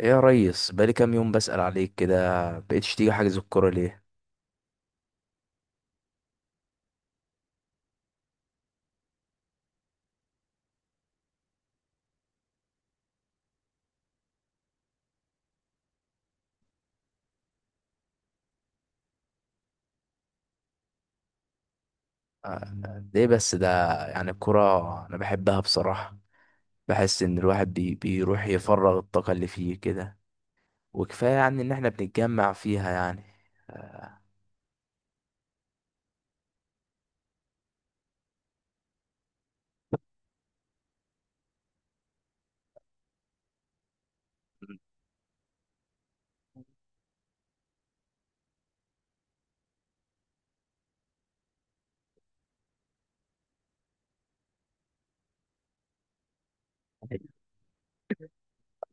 ايه يا ريس، بقالي كام يوم بسأل عليك كده، بقيتش تيجي حجز الكورة ليه؟ آه، ليه بس ده؟ يعني الكورة انا بحبها بصراحة. بحس ان الواحد بيروح يفرغ الطاقة اللي فيه كده. وكفاية يعني ان احنا بنتجمع فيها يعني. آه.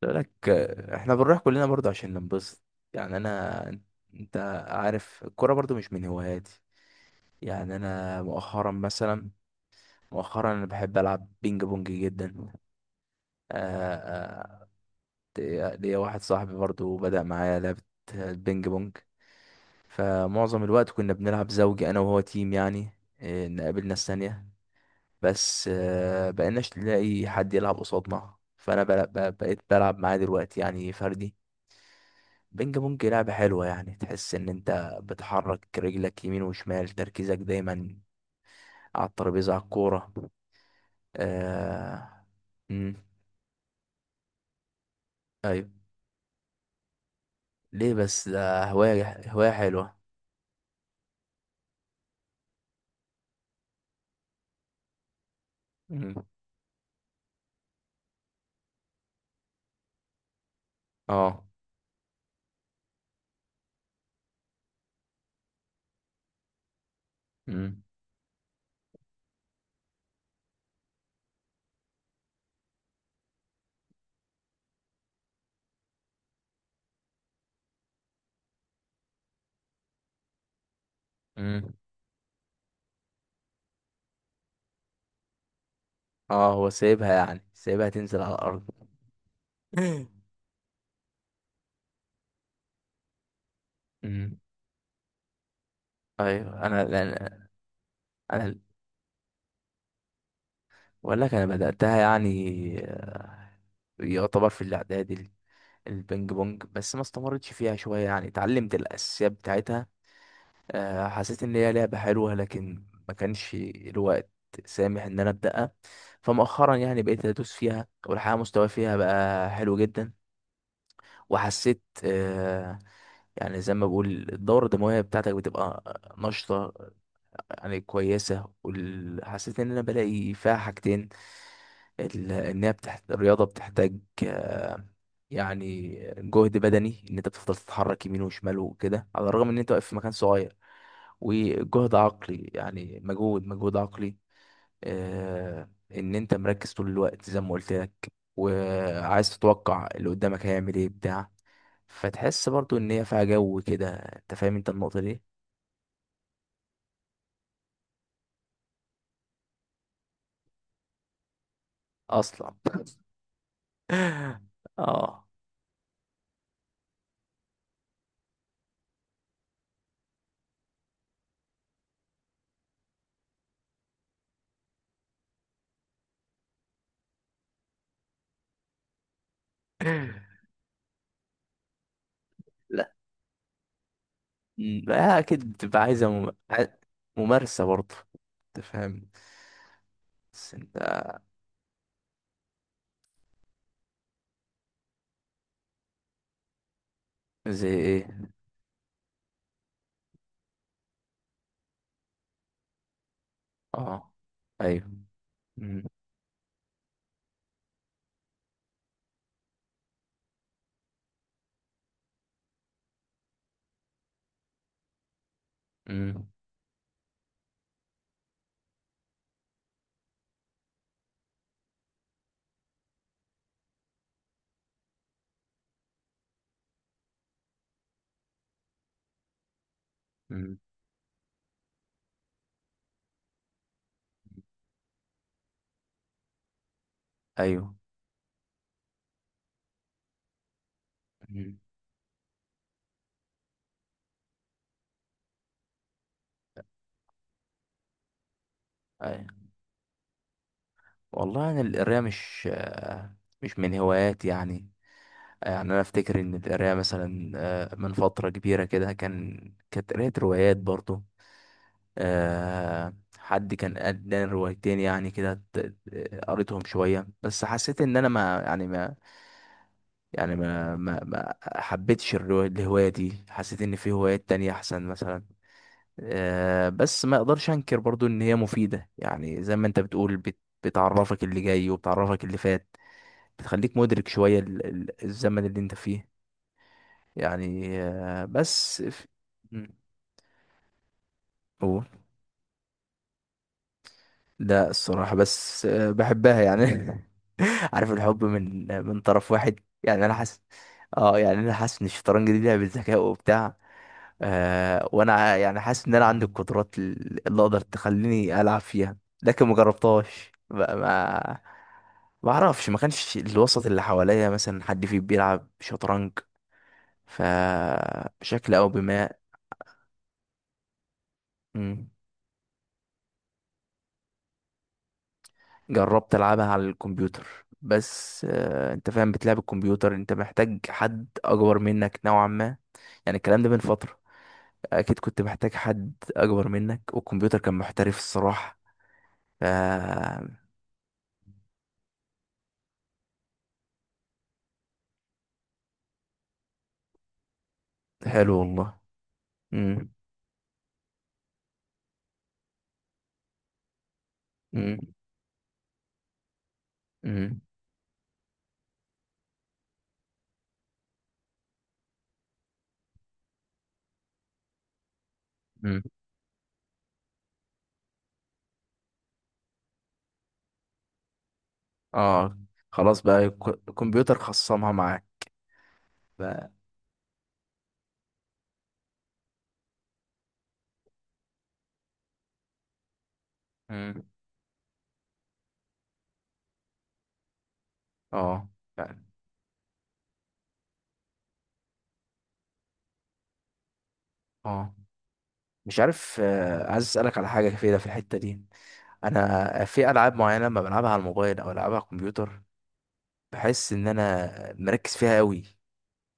بقول لك، احنا بنروح كلنا برضه عشان ننبسط. يعني انت عارف الكورة برضه مش من هواياتي. يعني انا مؤخرا مثلا، مؤخرا انا بحب العب بينج بونج جدا. آه. آه. ليا واحد صاحبي برضو بدأ معايا لعبة البينج بونج. فمعظم الوقت كنا بنلعب زوجي، أنا وهو تيم يعني. إيه، نقابل ناس تانية. بس بقيناش نلاقي حد يلعب قصادنا، فأنا بقيت بلعب معاه دلوقتي يعني فردي. بينج بونج لعبة حلوة. يعني تحس إن أنت بتحرك رجلك يمين وشمال، تركيزك دايما على الترابيزة، على الكورة. آه... مم. أيوة. ليه بس ده؟ هواية، هواية حلوة. مم. اه. مم. مم. اه، هو سايبها يعني سايبها تنزل على الارض. امم. ايوه، انا لأن. انا بقول لك، انا بداتها يعني. آه، يعتبر في الاعدادي البينج بونج، بس ما استمرتش فيها شويه، يعني اتعلمت الاساسيات بتاعتها. حسيت ان هي لعبه حلوه لكن ما كانش الوقت سامح ان انا ابداها. فمؤخرا يعني بقيت ادوس فيها، والحقيقه مستواي فيها بقى حلو جدا. وحسيت يعني زي ما بقول الدورة الدموية بتاعتك بتبقى نشطة، يعني كويسة. حسيت إن أنا بلاقي فيها حاجتين. إن هي الرياضة بتحتاج يعني جهد بدني، إن أنت بتفضل تتحرك يمين وشمال وكده على الرغم إن أنت واقف في مكان صغير. وجهد عقلي، يعني مجهود عقلي. إن أنت مركز طول الوقت زي ما قلت لك، وعايز تتوقع اللي قدامك هيعمل إيه بتاع. فتحس برضو إن هي فيها جو كده، أنت فاهم أنت النقطة دي؟ أصلا. آه. مم. لا اكيد بتبقى عايزه ممارسه برضه. انت فاهم. بس انت. زي ايه؟ اه. ايوه. مم. مم. مم. ايوه. مم. ايوه والله، انا القرايه مش مش من هواياتي يعني. يعني انا افتكر ان القرايه مثلا من فتره كبيره كده، كانت قرايه روايات برضه. حد كان اداني روايتين يعني كده، قريتهم شويه. بس حسيت ان انا ما، يعني ما، يعني ما حبيتش الهواية دي. حسيت ان في هوايات تانية احسن مثلا. بس ما اقدرش انكر برضو ان هي مفيدة، يعني زي ما انت بتقول، بتعرفك اللي جاي وبتعرفك اللي فات، بتخليك مدرك شوية الزمن اللي انت فيه. يعني بس مم. قول. لا الصراحة، بس بحبها يعني. عارف الحب من طرف واحد، يعني انا حاسس. اه، يعني انا حاسس ان الشطرنج دي لعبة ذكاء وبتاع. وانا يعني حاسس ان انا عندي القدرات اللي اقدر تخليني العب فيها. لكن ما جربتهاش بقى، ما اعرفش. ما كانش الوسط اللي حواليا مثلا حد فيه بيلعب شطرنج، فبشكل او بما. مم. جربت العبها على الكمبيوتر. بس انت فاهم، بتلعب الكمبيوتر انت محتاج حد اكبر منك نوعا ما. يعني الكلام ده من فترة، اكيد كنت محتاج حد اكبر منك، والكمبيوتر كان محترف الصراحة. ف حلو والله. امم. امم. امم. امم. اه. خلاص بقى، الكمبيوتر خصمها معاك. بقى. امم. اه. فعلا. اه. مش عارف، عايز اسالك على حاجه كده في الحته دي. انا في العاب معينه لما بلعبها على الموبايل او العبها على الكمبيوتر، بحس ان انا مركز فيها قوي.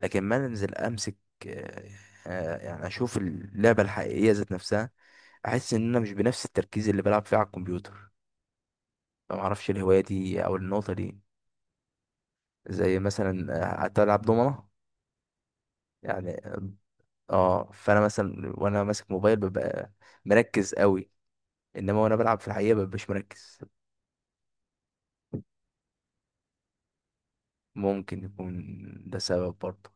لكن ما انزل امسك آه، يعني اشوف اللعبه الحقيقيه ذات نفسها، احس ان انا مش بنفس التركيز اللي بلعب فيه على الكمبيوتر. فما اعرفش الهوايه دي او النقطه دي. زي مثلا هتلعب دومنة يعني. اه، فانا مثلا وانا ماسك موبايل ببقى مركز قوي، انما وانا بلعب في الحقيقة ببقى مش مركز. ممكن يكون ده سبب برضه.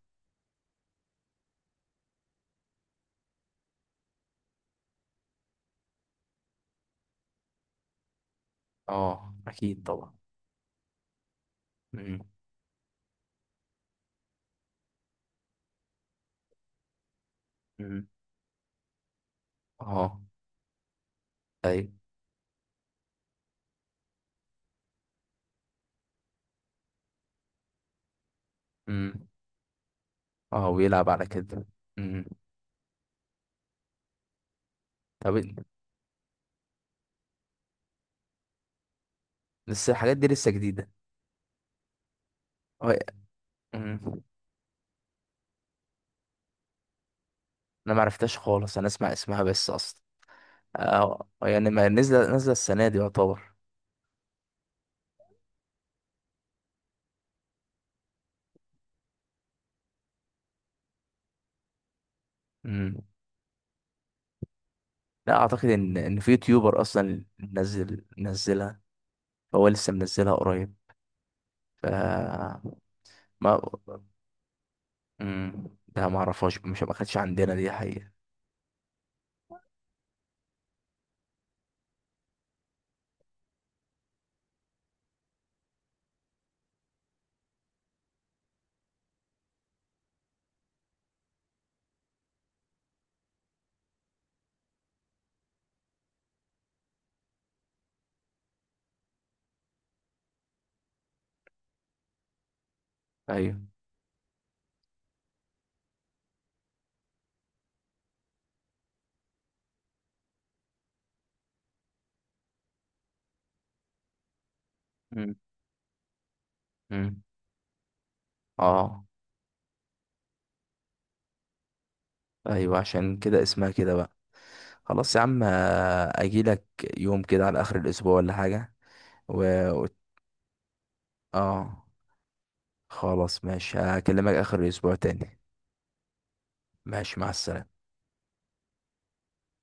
اه اكيد طبعا. مم. مم. اه. ايوه. مم. اه، ويلعب على كده. مم. طب لسه الحاجات دي لسه جديدة. اه. مم. انا معرفتهاش خالص، انا اسمع اسمها بس اصلا. اه يعني ما نزل السنة دي يعتبر. مم. لا اعتقد ان في يوتيوبر اصلا منزلها، هو لسه منزلها قريب. ف ما ده ما اعرفهاش، مش ما كانتش عندنا دي حقيقة. ايوه. امم. امم. اه. ايوه عشان كده اسمها كده بقى. خلاص يا عم، اجي لك يوم كده على اخر الاسبوع ولا حاجة. و... و- اه. خلاص ماشي، هكلمك اخر الاسبوع تاني. ماشي، مع السلامة.